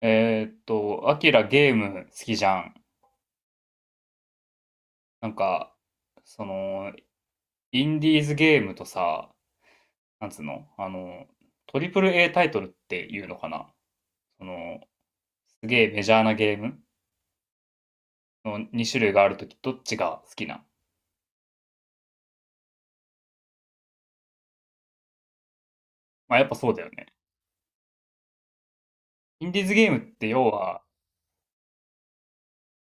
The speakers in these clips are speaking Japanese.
アキラ、ゲーム好きじゃん。なんか、その、インディーズゲームとさ、なんつうのあの、トリプル A タイトルっていうのかな。その、すげえメジャーなゲームの2種類があるとき、どっちが好きな？まあやっぱそうだよね。インディーズゲームって要は、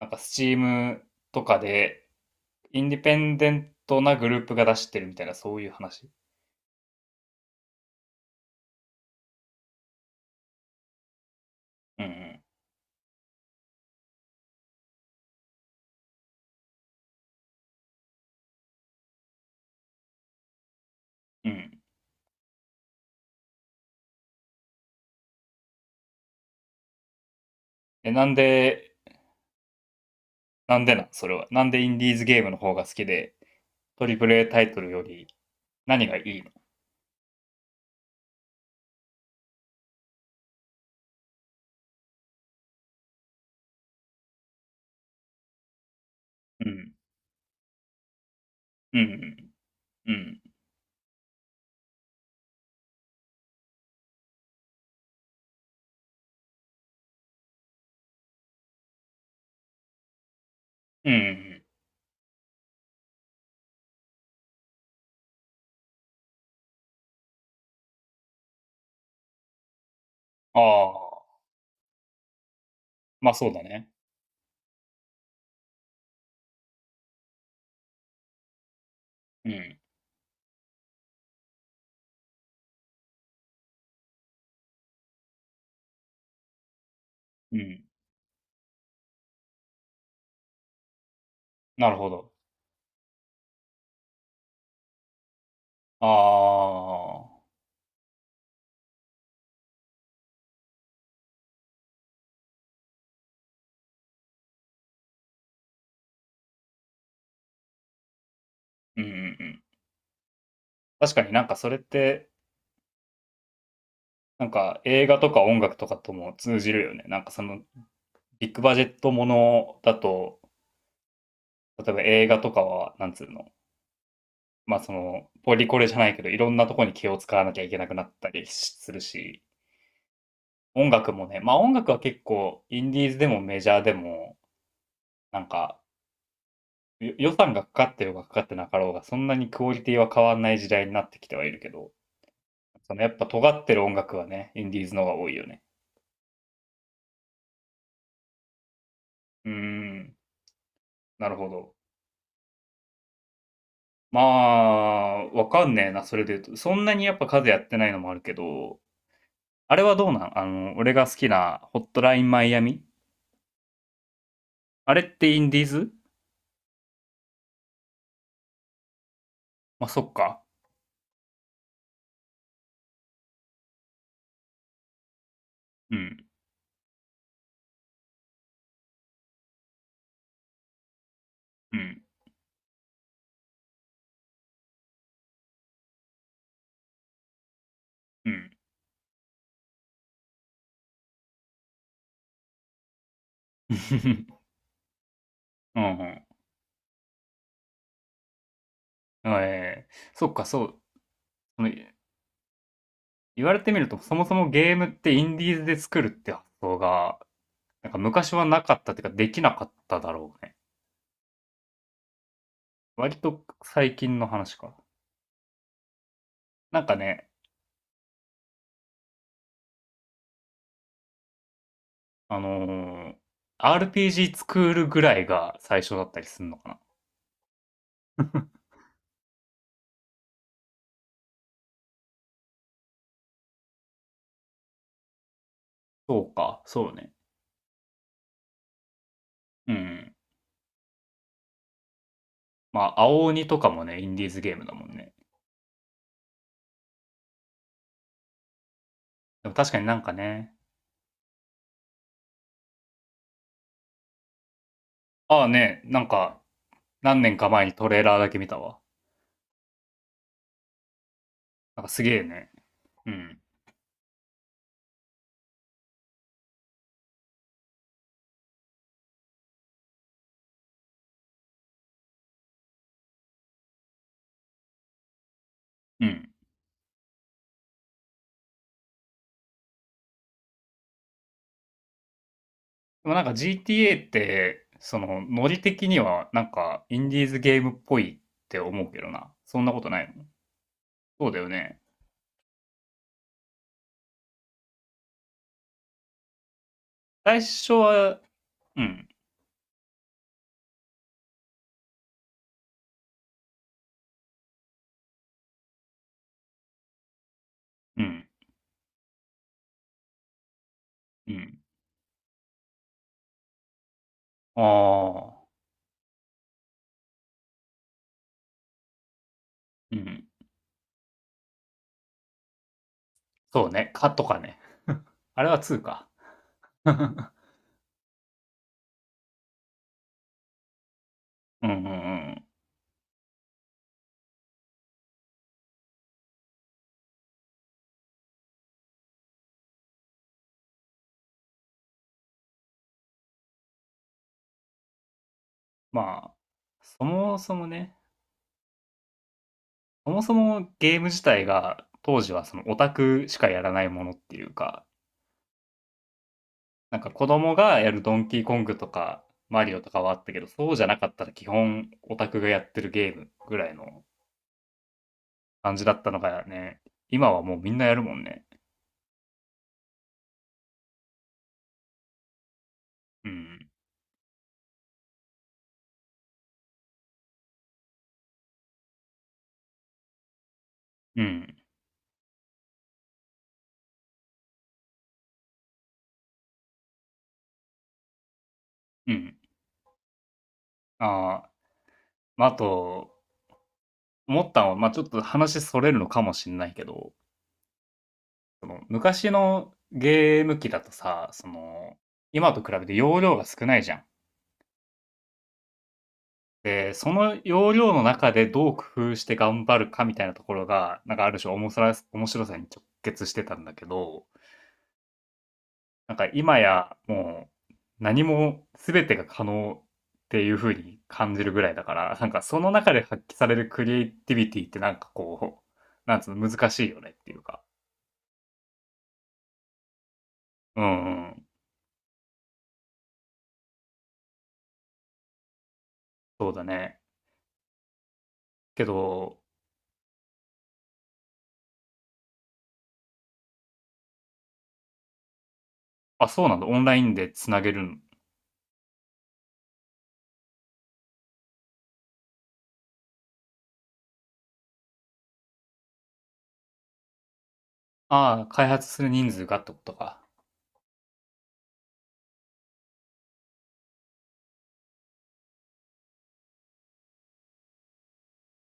なんかスチームとかで、インディペンデントなグループが出してるみたいな、そういう話。うんうん。うん。え、なんで、なんでなそれは。なんでインディーズゲームの方が好きで、トリプル a タイトルより何がいいの？うん。うん。うん。うん。うん。ああ。まあそうだね。うん。うん。なるほど。ああ。うんうんうん。確かになんかそれって、なんか映画とか音楽とかとも通じるよね。なんかそのビッグバジェットものだと、例えば映画とかは、なんつうの、まあその、ポリコレじゃないけど、いろんなとこに気を使わなきゃいけなくなったりするし、音楽もね、まあ音楽は結構、インディーズでもメジャーでも、なんか、予算がかかってようがかかってなかろうが、そんなにクオリティは変わんない時代になってきてはいるけど、そのやっぱ尖ってる音楽はね、インディーズの方が多いよね。うーん、なるほど。まあ、わかんねえな、それで言うと。そんなにやっぱ数やってないのもあるけど、あれはどうなんあの、俺が好きなホットラインマイアミ。あれってインディーズ？まあ、そっか。うん、うん、うん。うん、うん。ええ、そっか、そう。の、言われてみると、そもそもゲームってインディーズで作るって発想が、なんか昔はなかったっていうか、できなかっただろうね。割と最近の話か。なんかね、あのー RPG 作るぐらいが最初だったりするのかな。そうか、そうね。うん。まあ、青鬼とかもね、インディーズゲームだもんね。でも確かになんかね、ああね、なんか、何年か前にトレーラーだけ見たわ。なんかすげえね。うん。うん。でもなんか GTA って、その、ノリ的にはなんかインディーズゲームっぽいって思うけどな。そんなことないの？そうだよね。最初は、うん、うん、うん。ああ、うん。そうね。かとかね。あれは2か？うんうんうん。まあ、そもそもね、そもそもゲーム自体が当時はそのオタクしかやらないものっていうか、なんか子供がやるドンキーコングとかマリオとかはあったけど、そうじゃなかったら基本オタクがやってるゲームぐらいの感じだったのがね、今はもうみんなやるもんね。うん。うん。うん。ああ、まあ、あと、思ったのは、まあ、ちょっと話それるのかもしれないけど、その昔のゲーム機だとさ、その、今と比べて容量が少ないじゃん。で、その要領の中でどう工夫して頑張るかみたいなところが、なんかある種面白さに直結してたんだけど、なんか今やもう何も全てが可能っていう風に感じるぐらいだから、なんかその中で発揮されるクリエイティビティってなんかこう、なんつうの難しいよねっていうか。うんうん、そうだね。けど、あ、そうなんだ。オンラインでつなげるの？ああ、開発する人数がってことか。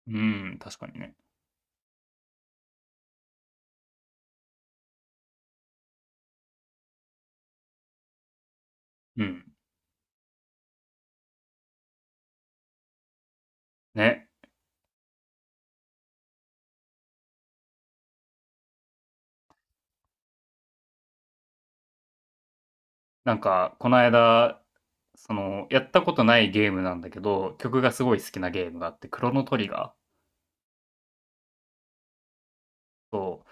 うん、確かにね。うん。ね。なんか、この間、その、やったことないゲームなんだけど、曲がすごい好きなゲームがあって、クロノトリガー。そう。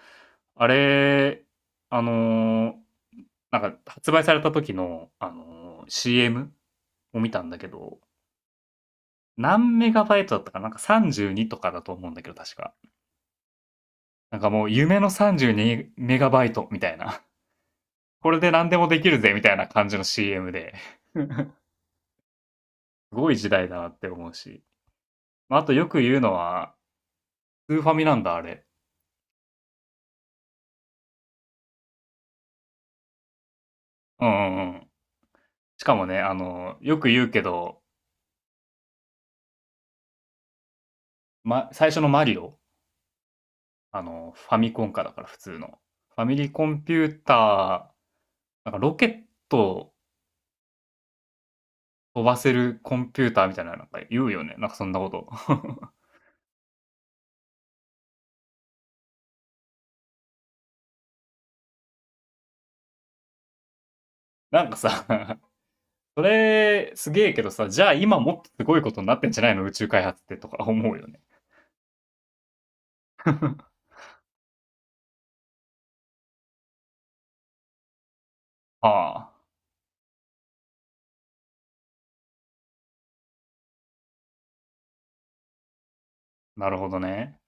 あれ、あのーなんか、発売された時の、CM を見たんだけど、何メガバイトだったかななんか32とかだと思うんだけど、確か。なんかもう、夢の32メガバイトみたいな。これで何でもできるぜ、みたいな感じの CM で。すごい時代だなって思うし。まあ、あとよく言うのは、スーファミなんだ、あれ。うんうんうん。しかもね、あの、よく言うけど、ま、最初のマリオ、あの、ファミコンかだから普通の。ファミリーコンピューター、なんかロケットを飛ばせるコンピューターみたいななんか言うよね。なんかそんなこと。なんかさ、それすげえけどさ、じゃあ今もっとすごいことになってんじゃないの宇宙開発って、とか思うよね。ああ、なるほどね。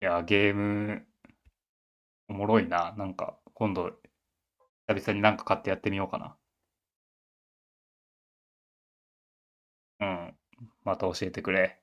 いや、ゲームおもろいな。なんか今度久々になんか買ってやってみようかな。うん。また教えてくれ。